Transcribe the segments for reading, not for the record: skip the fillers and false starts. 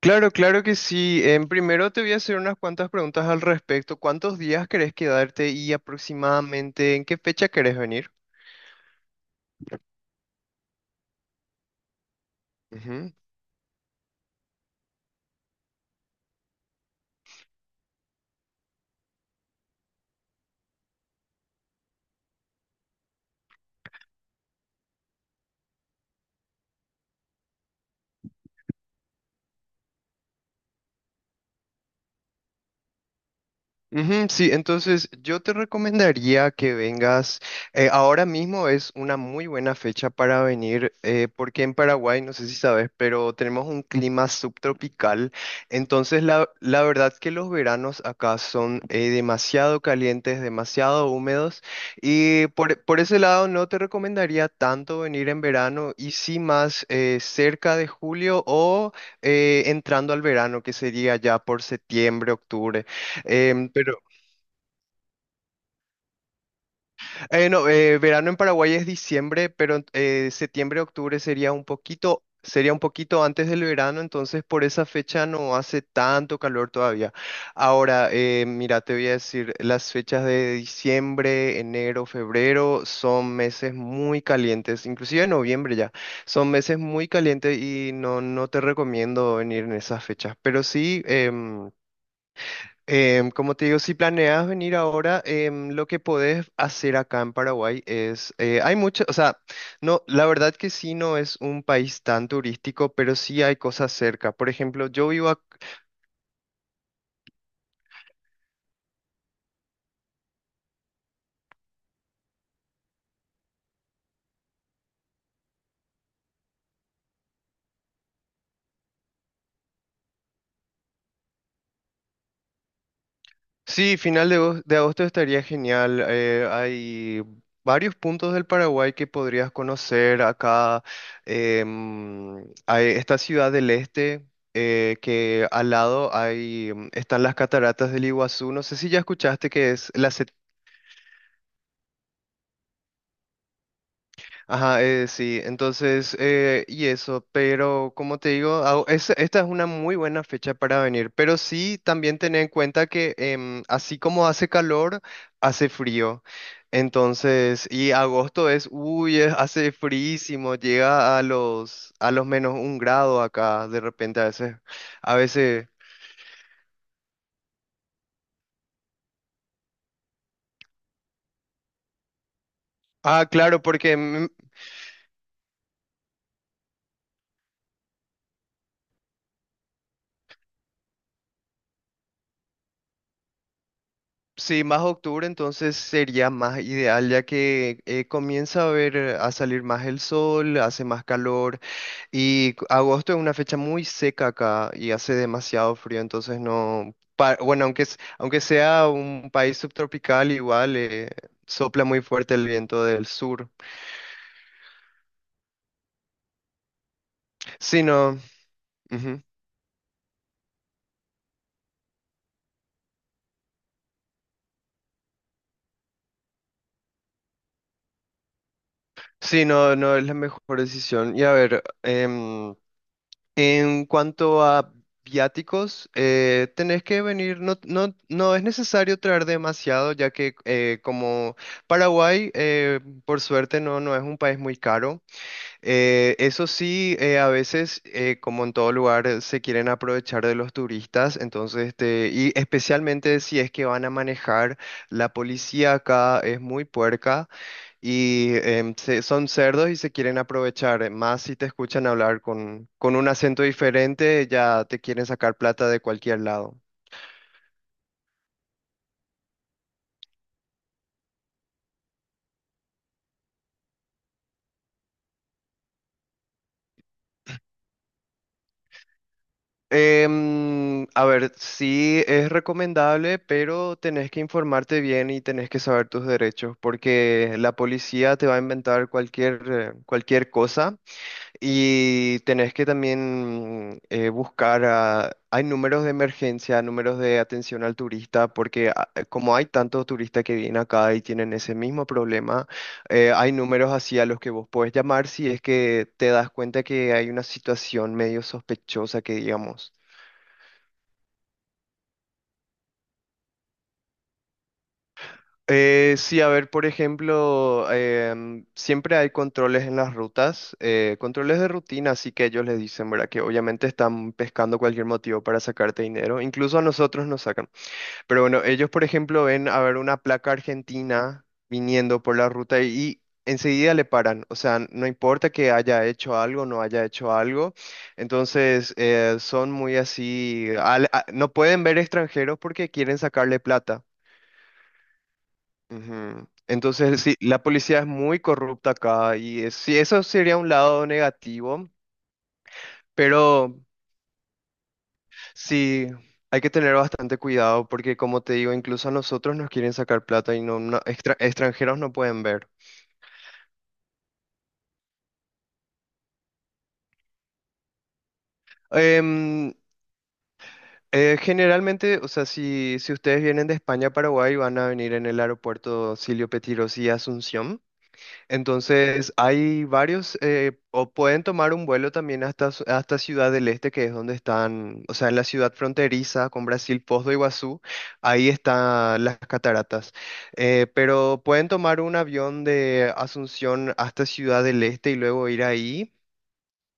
Claro, claro que sí. En primero te voy a hacer unas cuantas preguntas al respecto. ¿Cuántos días querés quedarte y aproximadamente en qué fecha querés venir? Ujú, sí, entonces yo te recomendaría que vengas. Ahora mismo es una muy buena fecha para venir, porque en Paraguay, no sé si sabes, pero tenemos un clima subtropical. Entonces, la verdad que los veranos acá son demasiado calientes, demasiado húmedos. Y por ese lado, no te recomendaría tanto venir en verano y sí más cerca de julio o entrando al verano, que sería ya por septiembre, octubre. Em, no, verano en Paraguay es diciembre, pero septiembre, octubre sería un poquito antes del verano, entonces por esa fecha no hace tanto calor todavía. Ahora, mira, te voy a decir, las fechas de diciembre, enero, febrero son meses muy calientes, inclusive noviembre ya, son meses muy calientes y no te recomiendo venir en esas fechas, pero sí. Como te digo, si planeas venir ahora, lo que podés hacer acá en Paraguay es, hay mucho, o sea, no, la verdad que sí no es un país tan turístico, pero sí hay cosas cerca. Por ejemplo, yo vivo acá. Sí, final de agosto estaría genial. Hay varios puntos del Paraguay que podrías conocer acá. em, Hay esta ciudad del este. Que al lado hay, están las cataratas del Iguazú. No sé si ya escuchaste que es la... Ajá, sí, entonces, y eso, pero como te digo, esta es una muy buena fecha para venir, pero sí también tener en cuenta que así como hace calor, hace frío. Entonces, y agosto hace fríísimo, llega a los -1 grado acá, de repente a veces, a veces. Ah, claro. Sí, más octubre entonces sería más ideal ya que comienza a ver a salir más el sol, hace más calor y agosto es una fecha muy seca acá y hace demasiado frío, entonces no, pa- bueno, aunque sea un país subtropical igual sopla muy fuerte el viento del sur. Sí, no, ujú. Sí, no, no es la mejor decisión. Y a ver, en cuanto a viáticos, tenés que venir, no, no, no es necesario traer demasiado, ya que como Paraguay, por suerte, no, no es un país muy caro. Eso sí, a veces, como en todo lugar, se quieren aprovechar de los turistas, entonces, este, y especialmente si es que van a manejar, la policía acá es muy puerca. Y son cerdos y se quieren aprovechar, más si te escuchan hablar con un acento diferente, ya te quieren sacar plata de cualquier lado. A ver, sí es recomendable, pero tenés que informarte bien y tenés que saber tus derechos, porque la policía te va a inventar cualquier cosa. Y tenés que también buscar, hay números de emergencia, números de atención al turista, porque como hay tantos turistas que vienen acá y tienen ese mismo problema, hay números así a los que vos podés llamar si es que te das cuenta que hay una situación medio sospechosa que digamos. Sí, a ver, por ejemplo, siempre hay controles en las rutas, controles de rutina, así que ellos les dicen, ¿verdad? Que obviamente están pescando cualquier motivo para sacarte dinero, incluso a nosotros nos sacan. Pero bueno, ellos, por ejemplo, ven a ver una placa argentina viniendo por la ruta y enseguida le paran, o sea, no importa que haya hecho algo, no haya hecho algo, entonces son muy así, no pueden ver extranjeros porque quieren sacarle plata. Ujú. Entonces, sí, la policía es muy corrupta acá y sí, eso sería un lado negativo, pero sí, hay que tener bastante cuidado porque como te digo, incluso a nosotros nos quieren sacar plata y extranjeros no pueden ver. Em, Generalmente, o sea, si ustedes vienen de España a Paraguay, van a venir en el aeropuerto Silvio Pettirossi y Asunción. Entonces, hay varios, o pueden tomar un vuelo también hasta Ciudad del Este, que es donde están, o sea, en la ciudad fronteriza con Brasil, Foz do Iguazú, ahí están las cataratas. Pero pueden tomar un avión de Asunción hasta Ciudad del Este y luego ir ahí.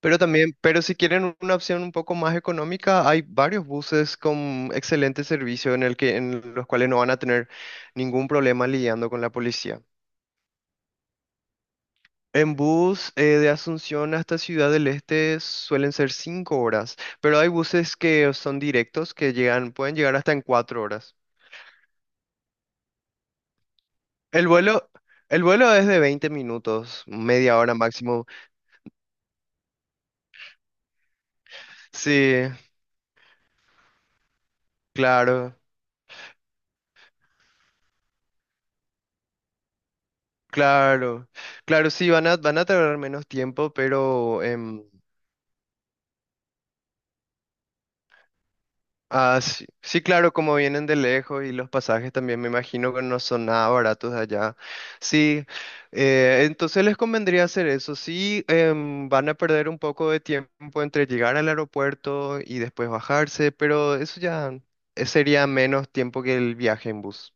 Pero también, pero si quieren una opción un poco más económica, hay varios buses con excelente servicio en el que, en los cuales no van a tener ningún problema lidiando con la policía. En bus de Asunción hasta Ciudad del Este suelen ser 5 horas, pero hay buses que son directos pueden llegar hasta en 4 horas. El vuelo, el vuelo es de 20 minutos, media hora máximo. Sí, claro, claro, claro, sí, van a tardar menos tiempo, pero ah, sí, sí, claro, como vienen de lejos y los pasajes también me imagino que no son nada baratos de allá. Sí, entonces les convendría hacer eso. Sí, van a perder un poco de tiempo entre llegar al aeropuerto y después bajarse, pero eso ya sería menos tiempo que el viaje en bus.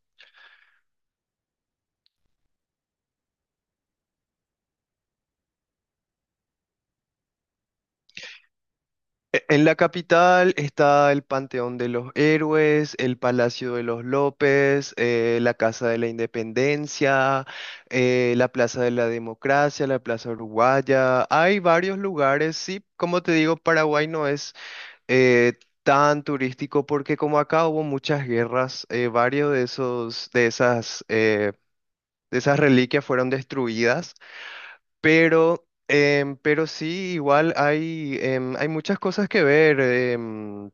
En la capital está el Panteón de los Héroes, el Palacio de los López, la Casa de la Independencia, la Plaza de la Democracia, la Plaza Uruguaya. Hay varios lugares, sí, como te digo, Paraguay no es eh, tan turístico porque como acá hubo muchas guerras, varios de de esas reliquias fueron destruidas. Pero sí, igual hay, hay muchas cosas que ver.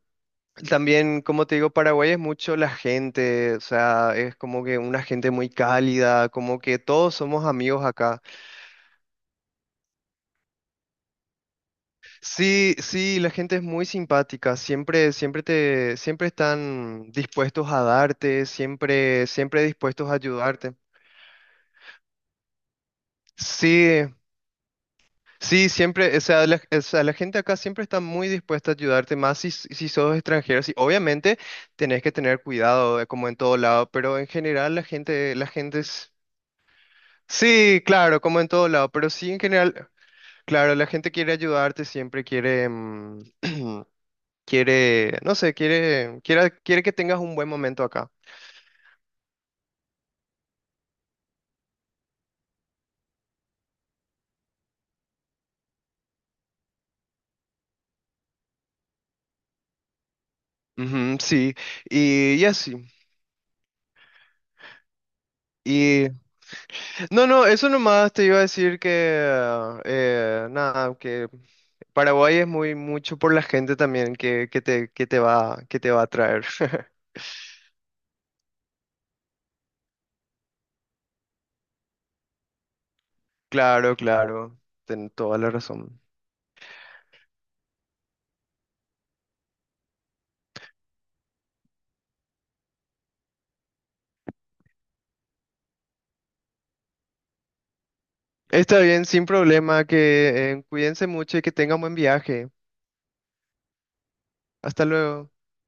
También, como te digo, Paraguay es mucho la gente, o sea, es como que una gente muy cálida, como que todos somos amigos acá. Sí, sí, la gente es muy simpática, siempre, siempre están dispuestos a darte, siempre, siempre dispuestos a ayudarte. Sí, sí, siempre, o sea, la gente acá siempre está muy dispuesta a ayudarte, más si sos extranjero. Sí, obviamente tenés que tener cuidado, como en todo lado, pero en general la gente es... Sí, claro, como en todo lado, pero sí en general, claro, la gente quiere ayudarte, siempre quiere, quiere, no sé, quiere, quiere, quiere que tengas un buen momento acá. Ujú, sí, y así. Y no, no, eso nomás te iba a decir que, nada, que Paraguay es muy mucho por la gente también que te va a atraer. Claro, claro, ten toda la razón. Está bien, sin problema, que cuídense mucho y que tengan buen viaje. Hasta luego.